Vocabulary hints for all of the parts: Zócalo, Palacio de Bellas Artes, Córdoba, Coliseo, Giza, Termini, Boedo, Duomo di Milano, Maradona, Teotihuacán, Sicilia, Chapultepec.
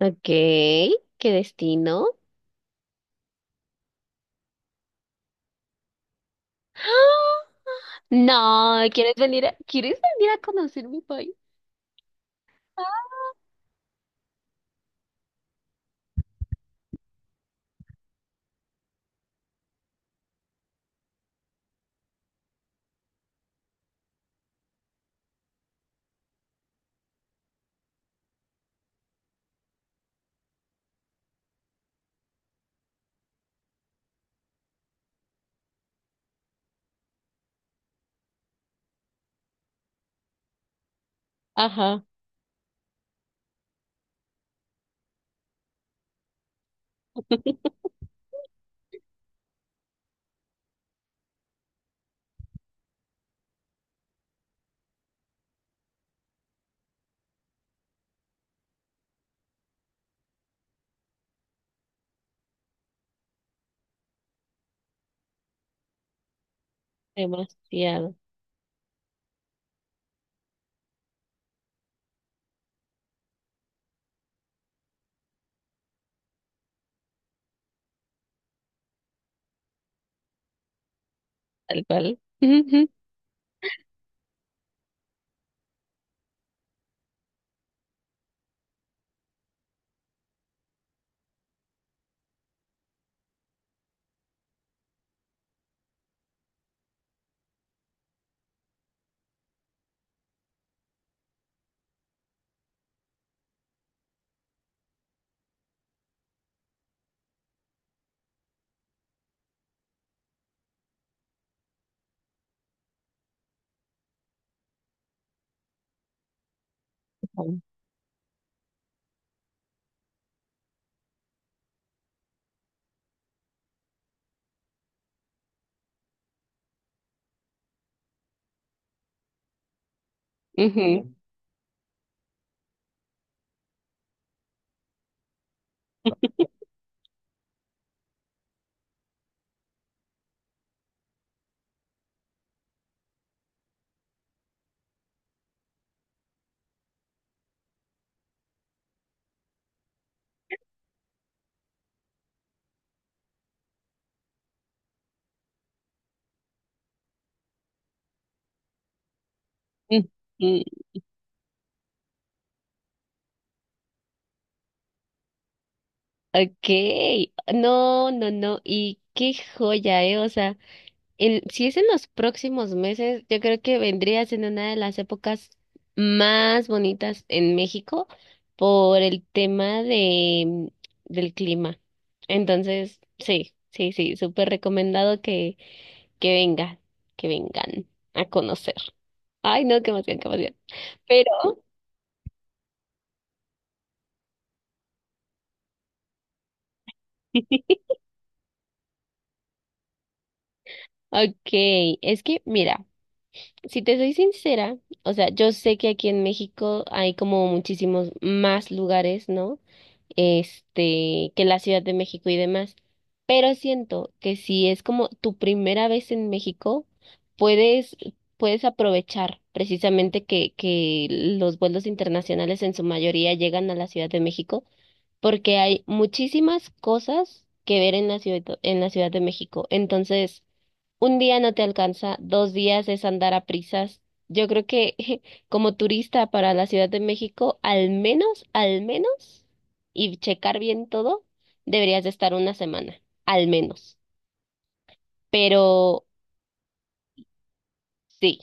Ok, ¿qué destino? ¡Ah! No, ¿quieres venir ¿quieres venir a conocer mi país? Ah. Ajá, demasiado, tal cual. Ujú, ujú, ujú. Ok, no, no, no, y qué joya, o sea. Si es en los próximos meses, yo creo que vendrías en una de las épocas más bonitas en México por el tema de del clima. Entonces, sí, sí, sí, súper recomendado que vengan, que vengan a conocer. Ay, no, qué emoción, qué emoción. Pero, ok, es que mira. Si te soy sincera, o sea, yo sé que aquí en México hay como muchísimos más lugares, ¿no? Este, que la Ciudad de México y demás. Pero siento que si es como tu primera vez en México, puedes, puedes aprovechar precisamente que los vuelos internacionales en su mayoría llegan a la Ciudad de México, porque hay muchísimas cosas que ver en la Ciudad de México. Entonces, un día no te alcanza, dos días es andar a prisas. Yo creo que como turista para la Ciudad de México, al menos, y checar bien todo, deberías de estar una semana, al menos. Pero sí,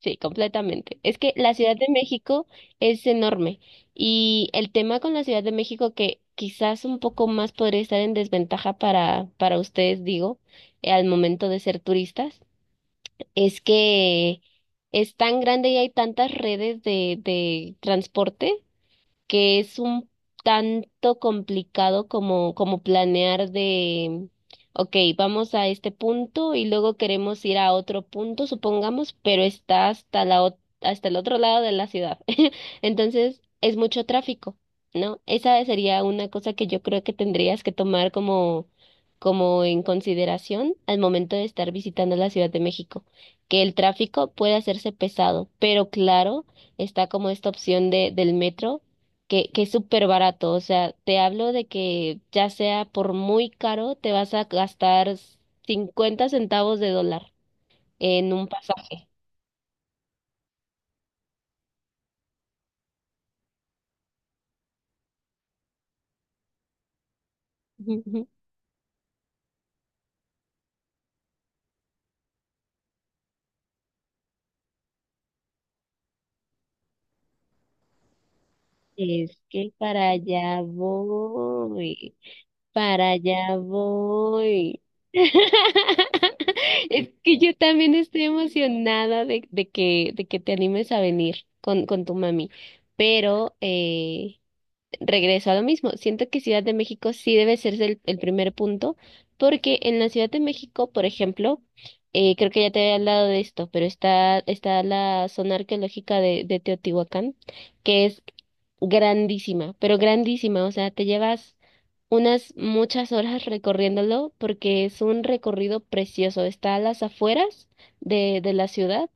sí, completamente. Es que la Ciudad de México es enorme y el tema con la Ciudad de México que quizás un poco más podría estar en desventaja para ustedes, digo, al momento de ser turistas es que es tan grande y hay tantas redes de transporte que es un tanto complicado como, como planear de, ok, vamos a este punto y luego queremos ir a otro punto, supongamos, pero está hasta hasta el otro lado de la ciudad. Entonces, es mucho tráfico, ¿no? Esa sería una cosa que yo creo que tendrías que tomar como, como en consideración al momento de estar visitando la Ciudad de México, que el tráfico puede hacerse pesado, pero claro, está como esta opción del metro que es súper barato. O sea, te hablo de que ya sea por muy caro, te vas a gastar 50 centavos de dólar en un pasaje. Es que para allá voy, para allá voy. Es que yo también estoy emocionada de de que te animes a venir con tu mami, pero regreso a lo mismo. Siento que Ciudad de México sí debe ser el primer punto, porque en la Ciudad de México, por ejemplo, creo que ya te había hablado de esto, pero está la zona arqueológica de Teotihuacán, que es grandísima, pero grandísima, o sea, te llevas unas muchas horas recorriéndolo porque es un recorrido precioso. Está a las afueras de la ciudad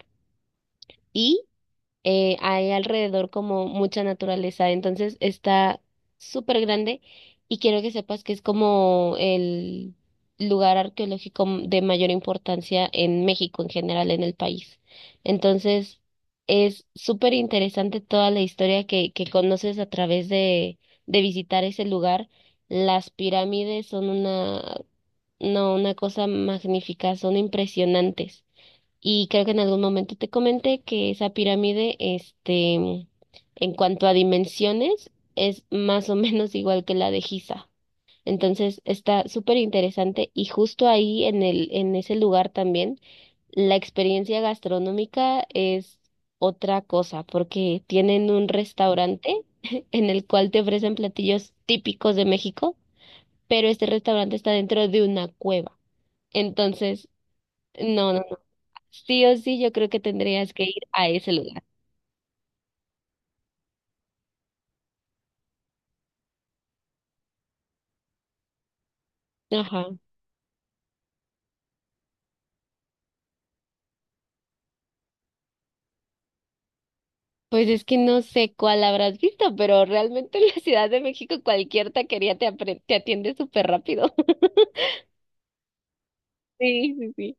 hay alrededor como mucha naturaleza, entonces está súper grande y quiero que sepas que es como el lugar arqueológico de mayor importancia en México en general, en el país. Entonces, es súper interesante toda la historia que conoces a través de visitar ese lugar. Las pirámides son una, no, una cosa magnífica, son impresionantes. Y creo que en algún momento te comenté que esa pirámide, este, en cuanto a dimensiones, es más o menos igual que la de Giza. Entonces está súper interesante y justo ahí en en ese lugar también, la experiencia gastronómica es otra cosa, porque tienen un restaurante en el cual te ofrecen platillos típicos de México, pero este restaurante está dentro de una cueva. Entonces, no, no. Sí o sí, yo creo que tendrías que ir a ese lugar. Ajá. Pues es que no sé cuál habrás visto, pero realmente en la Ciudad de México cualquier taquería te atiende súper rápido. Sí, sí, sí.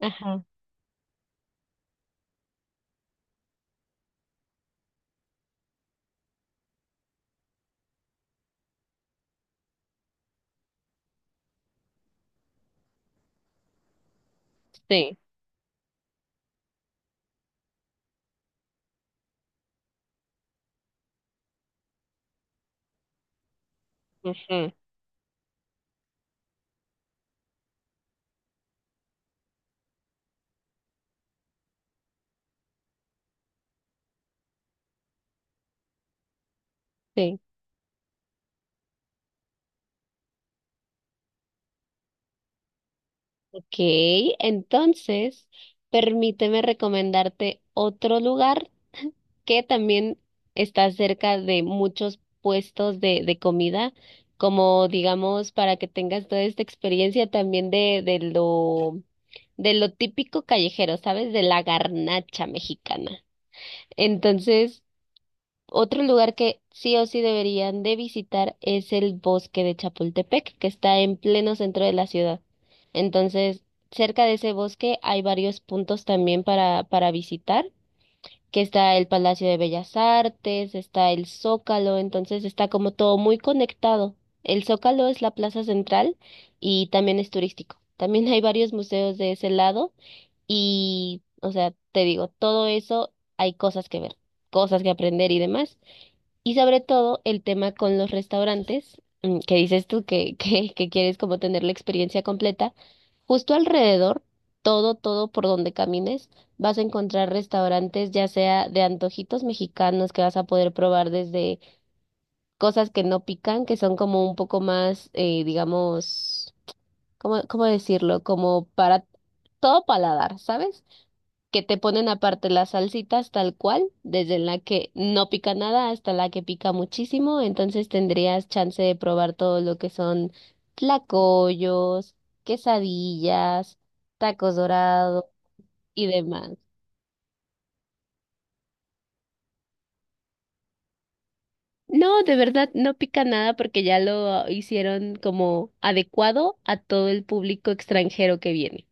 Ajá. Sí. Ajá. Sí. Ok, entonces, permíteme recomendarte otro lugar que también está cerca de muchos puestos de comida, como digamos, para que tengas toda esta experiencia también de lo típico callejero, ¿sabes? De la garnacha mexicana. Entonces, otro lugar que sí o sí deberían de visitar es el bosque de Chapultepec, que está en pleno centro de la ciudad. Entonces, cerca de ese bosque hay varios puntos también para visitar que está el Palacio de Bellas Artes, está el Zócalo, entonces está como todo muy conectado. El Zócalo es la plaza central y también es turístico. También hay varios museos de ese lado y, o sea, te digo, todo eso hay cosas que ver, cosas que aprender y demás. Y sobre todo el tema con los restaurantes, que dices tú que quieres como tener la experiencia completa, justo alrededor, todo, todo por donde camines, vas a encontrar restaurantes, ya sea de antojitos mexicanos que vas a poder probar desde cosas que no pican, que son como un poco más, digamos, ¿cómo, cómo decirlo? Como para todo paladar, ¿sabes? Que te ponen aparte las salsitas tal cual, desde la que no pica nada hasta la que pica muchísimo, entonces tendrías chance de probar todo lo que son tlacoyos, quesadillas, tacos dorados y demás. No, de verdad no pica nada porque ya lo hicieron como adecuado a todo el público extranjero que viene.